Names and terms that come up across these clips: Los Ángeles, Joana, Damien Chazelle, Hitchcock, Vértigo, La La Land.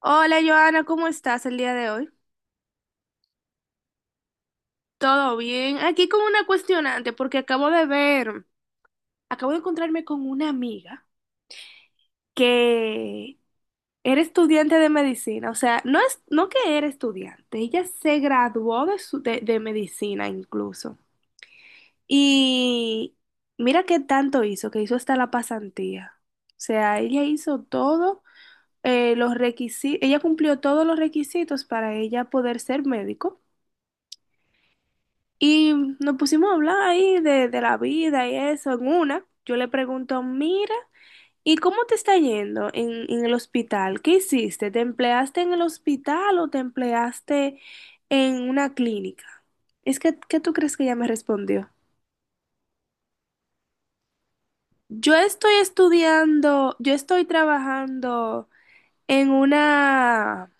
Hola Joana, ¿cómo estás el día de hoy? ¿Todo bien? Aquí con una cuestionante porque acabo de ver, acabo de encontrarme con una amiga que era estudiante de medicina, o sea, no es, no que era estudiante, ella se graduó de medicina incluso. Y mira qué tanto hizo, que hizo hasta la pasantía. O sea, ella hizo todo, los requisitos, ella cumplió todos los requisitos para ella poder ser médico. Y nos pusimos a hablar ahí de la vida y eso. En una, yo le pregunto, mira, ¿y cómo te está yendo en el hospital? ¿Qué hiciste? ¿Te empleaste en el hospital o te empleaste en una clínica? Es que, ¿qué tú crees que ella me respondió? Yo estoy estudiando, yo estoy trabajando en una,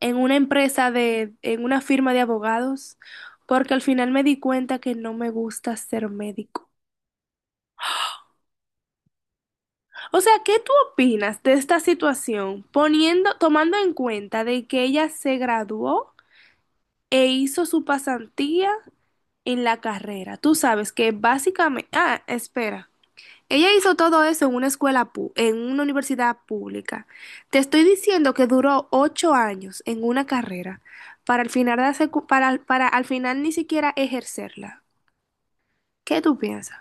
en una en una firma de abogados, porque al final me di cuenta que no me gusta ser médico. O sea, ¿qué tú opinas de esta situación, poniendo, tomando en cuenta de que ella se graduó e hizo su pasantía en la carrera? Tú sabes que básicamente, ah, espera. Ella hizo todo eso en una escuela, pu- en una universidad pública. Te estoy diciendo que duró 8 años en una carrera para al final, de la secu- para al final ni siquiera ejercerla. ¿Qué tú piensas?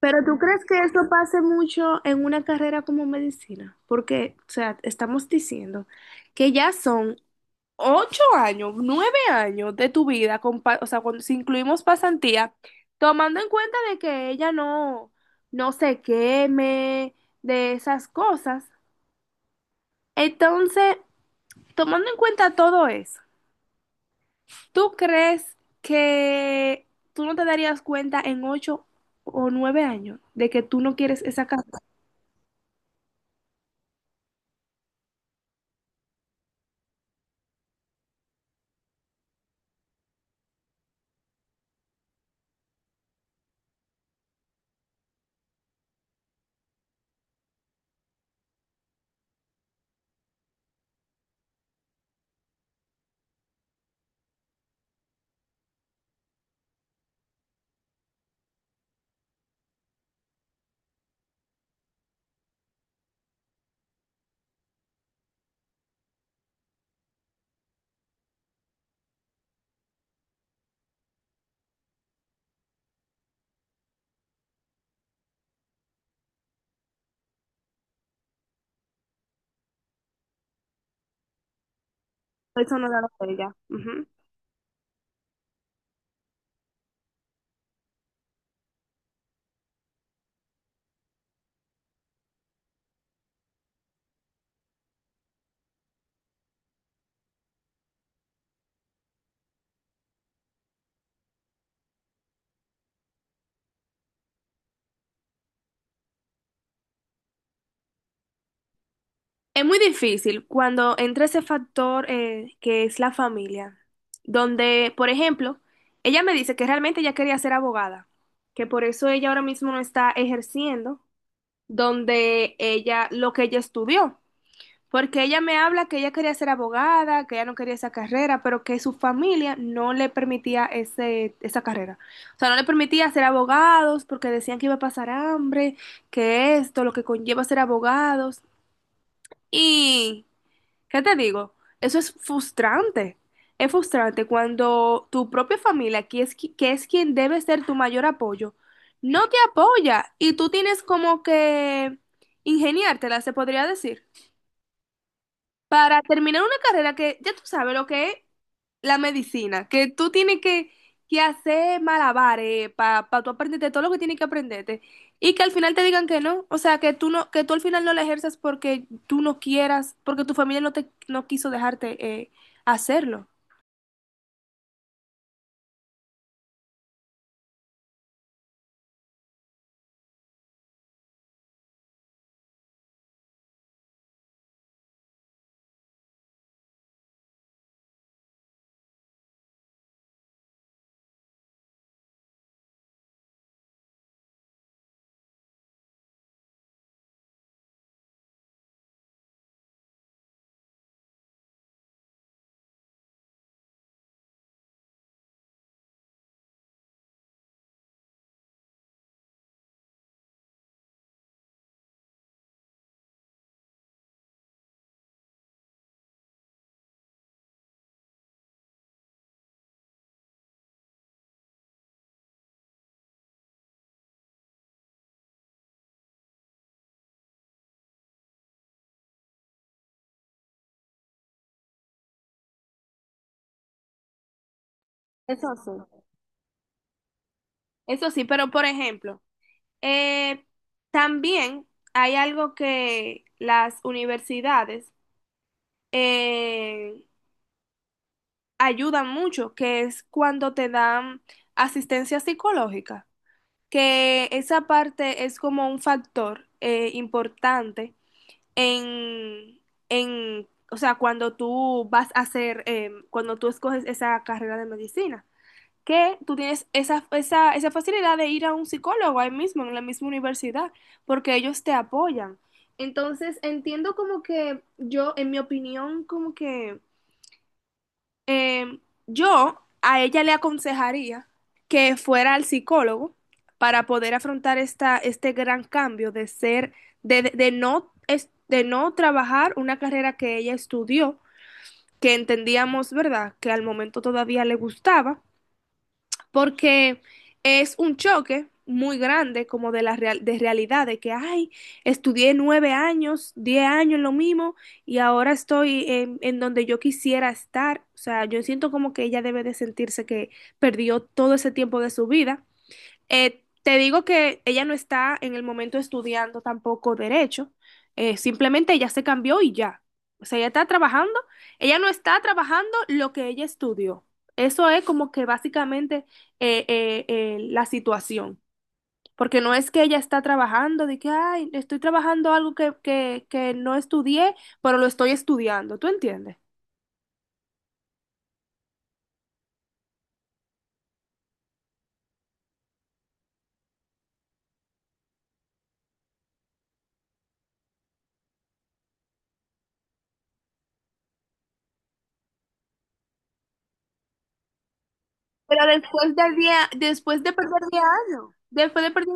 Pero ¿tú crees que eso pase mucho en una carrera como medicina? Porque, o sea, estamos diciendo que ya son 8 años, 9 años de tu vida, con pa- o sea, cuando si incluimos pasantía, tomando en cuenta de que ella no, no se queme de esas cosas. Entonces, tomando en cuenta todo eso, ¿tú crees que tú no te darías cuenta en 8 o 9 años de que tú no quieres esa carrera? Eso no da lo de ella. Ujú. Es muy difícil cuando entra ese factor que es la familia, donde, por ejemplo, ella me dice que realmente ella quería ser abogada, que por eso ella ahora mismo no está ejerciendo donde ella, lo que ella estudió, porque ella me habla que ella quería ser abogada, que ella no quería esa carrera, pero que su familia no le permitía esa carrera. O sea, no le permitía ser abogados porque decían que iba a pasar hambre, que esto, lo que conlleva ser abogados. Y, ¿qué te digo? Eso es frustrante. Es frustrante cuando tu propia familia, que es quien debe ser tu mayor apoyo, no te apoya y tú tienes como que ingeniártela, se podría decir, para terminar una carrera que ya tú sabes lo que es la medicina, que tú tienes que hacer malabares para tú aprenderte todo lo que tienes que aprenderte y que al final te digan que no, o sea, que tú al final no la ejerzas porque tú no quieras, porque tu familia no quiso dejarte hacerlo. Eso sí. Eso sí, pero por ejemplo, eh, también hay algo que las universidades eh, ayuda mucho, que es cuando te dan asistencia psicológica, que esa parte es como un factor importante en, en, o sea, cuando tú vas a hacer, cuando tú escoges esa carrera de medicina, que tú tienes esa facilidad de ir a un psicólogo ahí mismo, en la misma universidad, porque ellos te apoyan. Entonces, entiendo como que yo, en mi opinión, como que Em, yo a ella le aconsejaría que fuera al psicólogo para poder afrontar este gran cambio de no, de no trabajar una carrera que ella estudió, que entendíamos, ¿verdad?, que al momento todavía le gustaba, porque es un choque muy grande como de realidad, de que, ay, estudié 9 años, 10 años en lo mismo y ahora estoy en donde yo quisiera estar. O sea, yo siento como que ella debe de sentirse que perdió todo ese tiempo de su vida. Te digo que ella no está en el momento estudiando tampoco derecho, simplemente ella se cambió y ya. O sea, ella está trabajando, ella no está trabajando lo que ella estudió. Eso es como que básicamente, la situación, porque no es que ella está trabajando de que, ay, estoy trabajando algo que no estudié, pero lo estoy estudiando, ¿tú entiendes? Pero después de 10, después de perder 10 años, después de perder...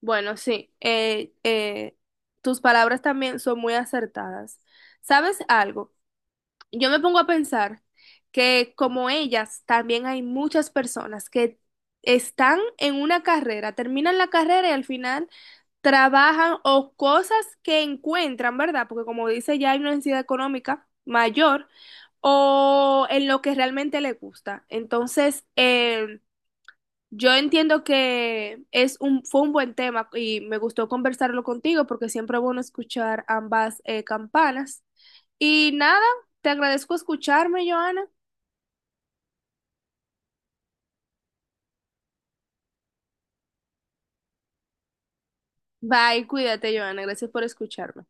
Bueno, sí, tus palabras también son muy acertadas. ¿Sabes algo? Yo me pongo a pensar que como ellas, también hay muchas personas que están en una carrera, terminan la carrera y al final trabajan o cosas que encuentran, ¿verdad? Porque como dice, ya hay una necesidad económica mayor o en lo que realmente le gusta. Entonces, yo entiendo que es un, fue un buen tema y me gustó conversarlo contigo porque siempre es bueno escuchar ambas campanas. Y nada, te agradezco escucharme, Joana. Bye, cuídate, Joana. Gracias por escucharme.